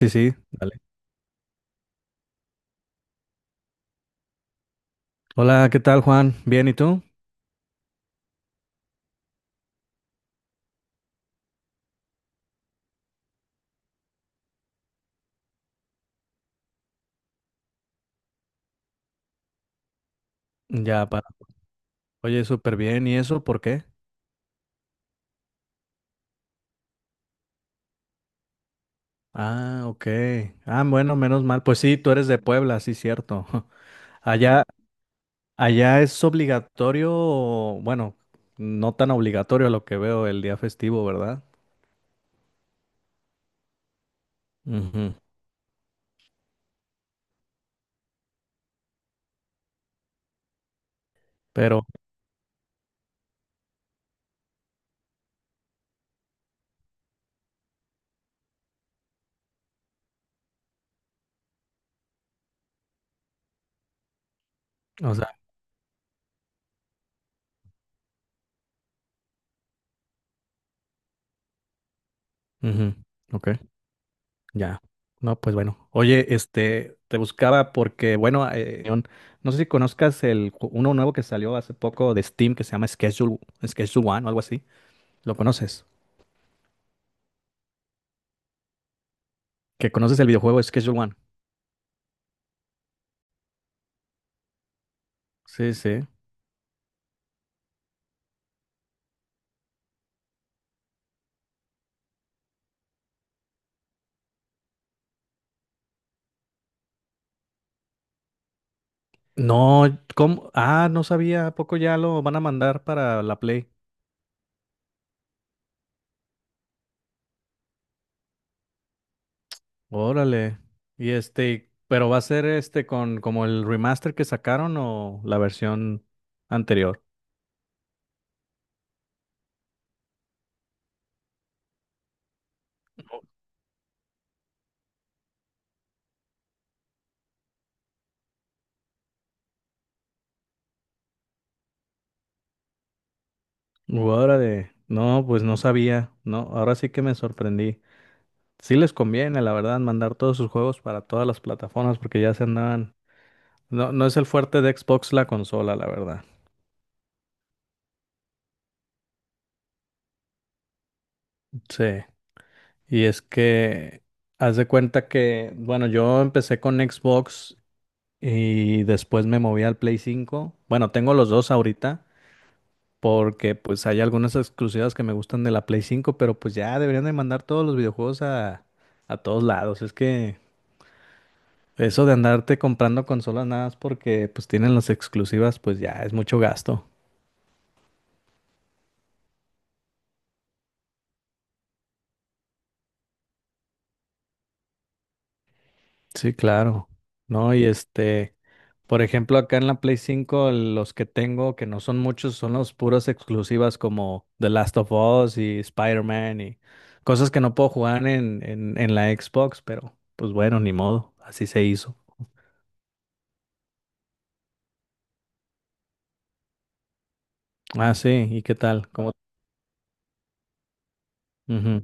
Sí, sí, dale. Hola, ¿qué tal, Juan? Bien, ¿y tú? Ya, para. Oye, súper bien. ¿Y eso por qué? Ah, ok. Ah, bueno, menos mal. Pues sí, tú eres de Puebla, sí, cierto. Allá, allá es obligatorio, bueno, no tan obligatorio a lo que veo el día festivo, ¿verdad? Ujú. Pero, o sea, ujú, ok. Ya. No, pues bueno. Oye, este, te buscaba porque, bueno, no sé si conozcas el uno nuevo que salió hace poco de Steam que se llama Schedule One o algo así. ¿Lo conoces? ¿Que conoces el videojuego Schedule One? Sí, sí. No, ¿cómo? Ah, no sabía, ¿a poco ya lo van a mandar para la Play? Órale. Y este, pero va a ser este con como el remaster que sacaron o la versión anterior. Órale. No, pues no sabía. No, ahora sí que me sorprendí. Sí les conviene, la verdad, mandar todos sus juegos para todas las plataformas porque ya se andaban. No, no es el fuerte de Xbox la consola, la verdad. Sí. Y es que haz de cuenta que, bueno, yo empecé con Xbox y después me moví al Play 5. Bueno, tengo los dos ahorita porque pues hay algunas exclusivas que me gustan de la Play 5, pero pues ya deberían de mandar todos los videojuegos a todos lados. Es que eso de andarte comprando consolas nada más porque pues tienen las exclusivas, pues ya es mucho gasto. Sí, claro. No, y este, por ejemplo, acá en la Play 5 los que tengo, que no son muchos, son los puras exclusivas como The Last of Us y Spider-Man y cosas que no puedo jugar en la Xbox, pero pues bueno, ni modo, así se hizo. Ah, sí, ¿y qué tal? ¿Cómo? Ujú,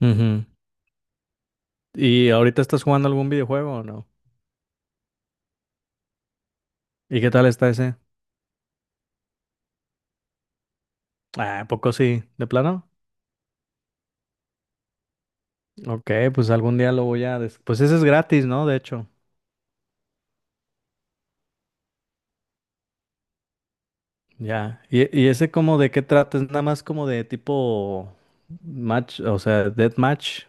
ujú. ¿Y ahorita estás jugando algún videojuego o no? ¿Y qué tal está ese? Ah, ¿a poco sí? ¿De plano? Ok, pues algún día lo voy a. Pues ese es gratis, ¿no? De hecho, ya. ¿Y ese como de qué trata? ¿Es nada más como de tipo match, o sea, death match,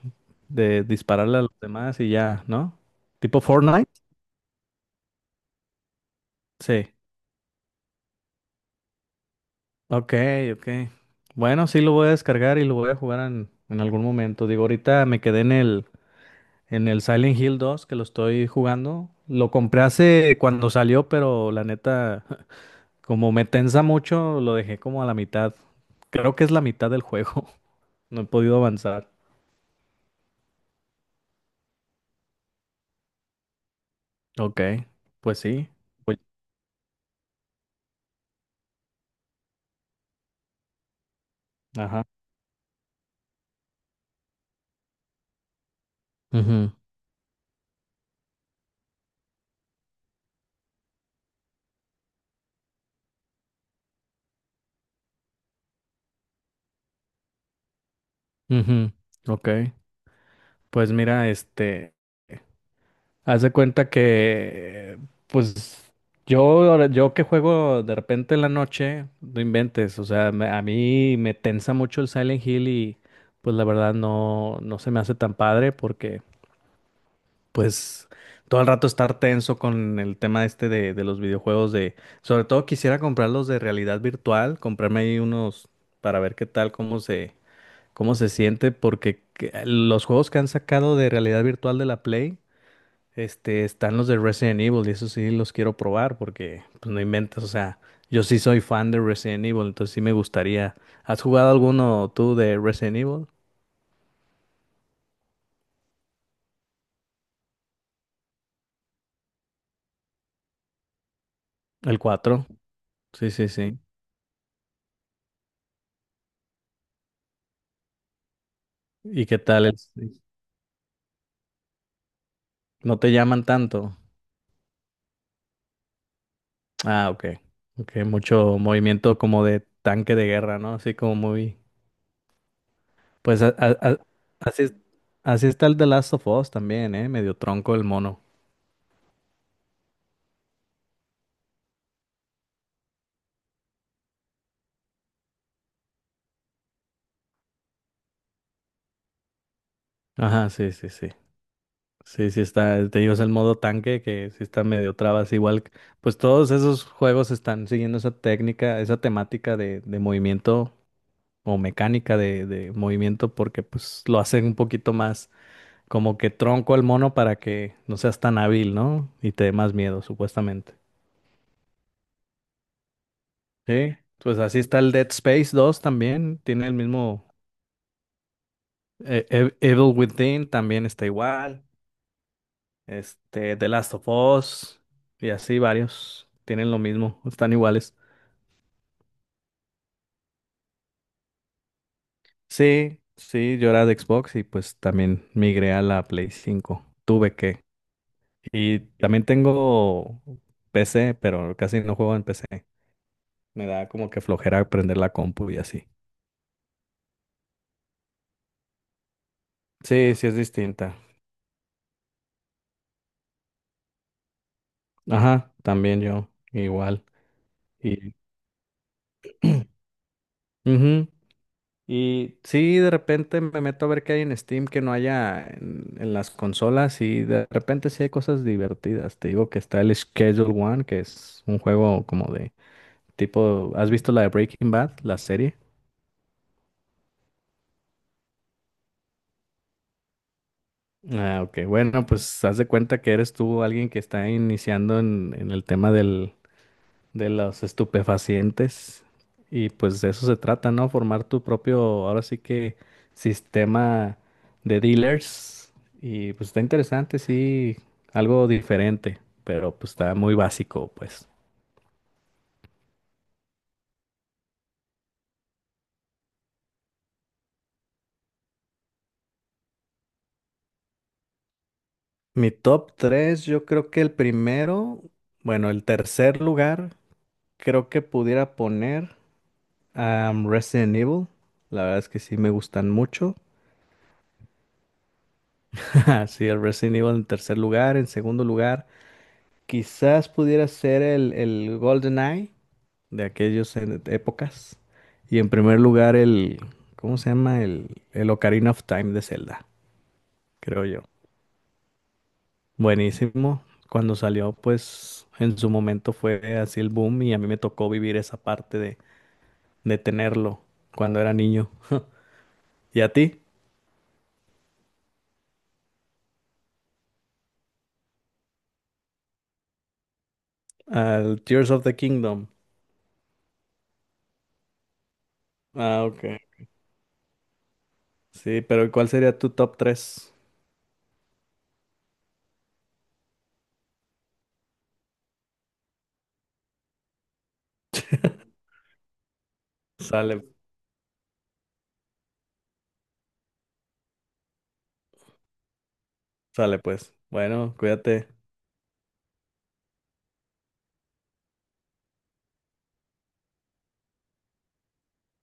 de dispararle a los demás y ya, ¿no? ¿Tipo Fortnite? Sí. Ok, ok. Bueno, sí lo voy a descargar y lo voy a jugar en algún momento. Digo, ahorita me quedé en el Silent Hill 2 que lo estoy jugando. Lo compré hace cuando salió, pero la neta, como me tensa mucho, lo dejé como a la mitad. Creo que es la mitad del juego. No he podido avanzar. Ok, pues sí. Pues, ajá. Ujú, ujú, ok. Pues mira, este, haz de cuenta que, pues, yo, yo que juego de repente en la noche, no inventes. O sea, a mí me tensa mucho el Silent Hill y, pues, la verdad no se me hace tan padre porque pues todo el rato estar tenso con el tema este de los videojuegos de, sobre todo quisiera comprarlos de realidad virtual, comprarme ahí unos para ver qué tal, cómo se, siente, porque los juegos que han sacado de realidad virtual de la Play, este, están los de Resident Evil y eso sí los quiero probar porque, pues no inventas, o sea, yo sí soy fan de Resident Evil, entonces sí me gustaría. ¿Has jugado alguno tú de Resident Evil? El cuatro. Sí, sí, sí. ¿Y qué tal? ¿Es? ¿No te llaman tanto? Ah, ok. Ok, mucho movimiento como de tanque de guerra, ¿no? Así como muy... Pues así está el The Last of Us también, ¿eh? Medio tronco el mono. Ajá, sí, sí, sí. Sí, sí está, te digo, es el modo tanque que sí está medio trabas. Igual, pues todos esos juegos están siguiendo esa técnica, esa temática de movimiento o mecánica de movimiento porque pues lo hacen un poquito más como que tronco el mono para que no seas tan hábil, ¿no? Y te dé más miedo, supuestamente. Sí, pues así está el Dead Space dos también, tiene el mismo Evil Within también está igual, este The Last of Us y así varios tienen lo mismo, están iguales. Sí, sí, yo era de Xbox y pues también migré a la Play 5 tuve que. Y también tengo PC, pero casi no juego en PC. Me da como que flojera prender la compu y así. Sí, sí es distinta. Ajá, también yo, igual. Y, ujú. Y sí, de repente me meto a ver qué hay en Steam que no haya en las consolas y de repente sí hay cosas divertidas. Te digo que está el Schedule One, que es un juego como de tipo, ¿has visto la de Breaking Bad, la serie? Ah, ok, bueno, pues haz de cuenta que eres tú alguien que está iniciando en el tema del de los estupefacientes. Y pues de eso se trata, ¿no? Formar tu propio, ahora sí que, sistema de dealers. Y pues está interesante, sí, algo diferente, pero pues está muy básico, pues. Mi top tres yo creo que el primero, bueno, el tercer lugar, creo que pudiera poner a Resident Evil. La verdad es que sí me gustan mucho. Sí, el Resident Evil en tercer lugar, en segundo lugar. Quizás pudiera ser el GoldenEye de aquellas épocas. Y en primer lugar, el, ¿cómo se llama? El Ocarina of Time de Zelda, creo yo. Buenísimo. Cuando salió, pues en su momento fue así el boom y a mí me tocó vivir esa parte de tenerlo cuando era niño. ¿Y a ti? Al Tears of the Kingdom. Ah, ok. Sí, pero ¿cuál sería tu top tres? Sale, sale pues. Bueno, cuídate.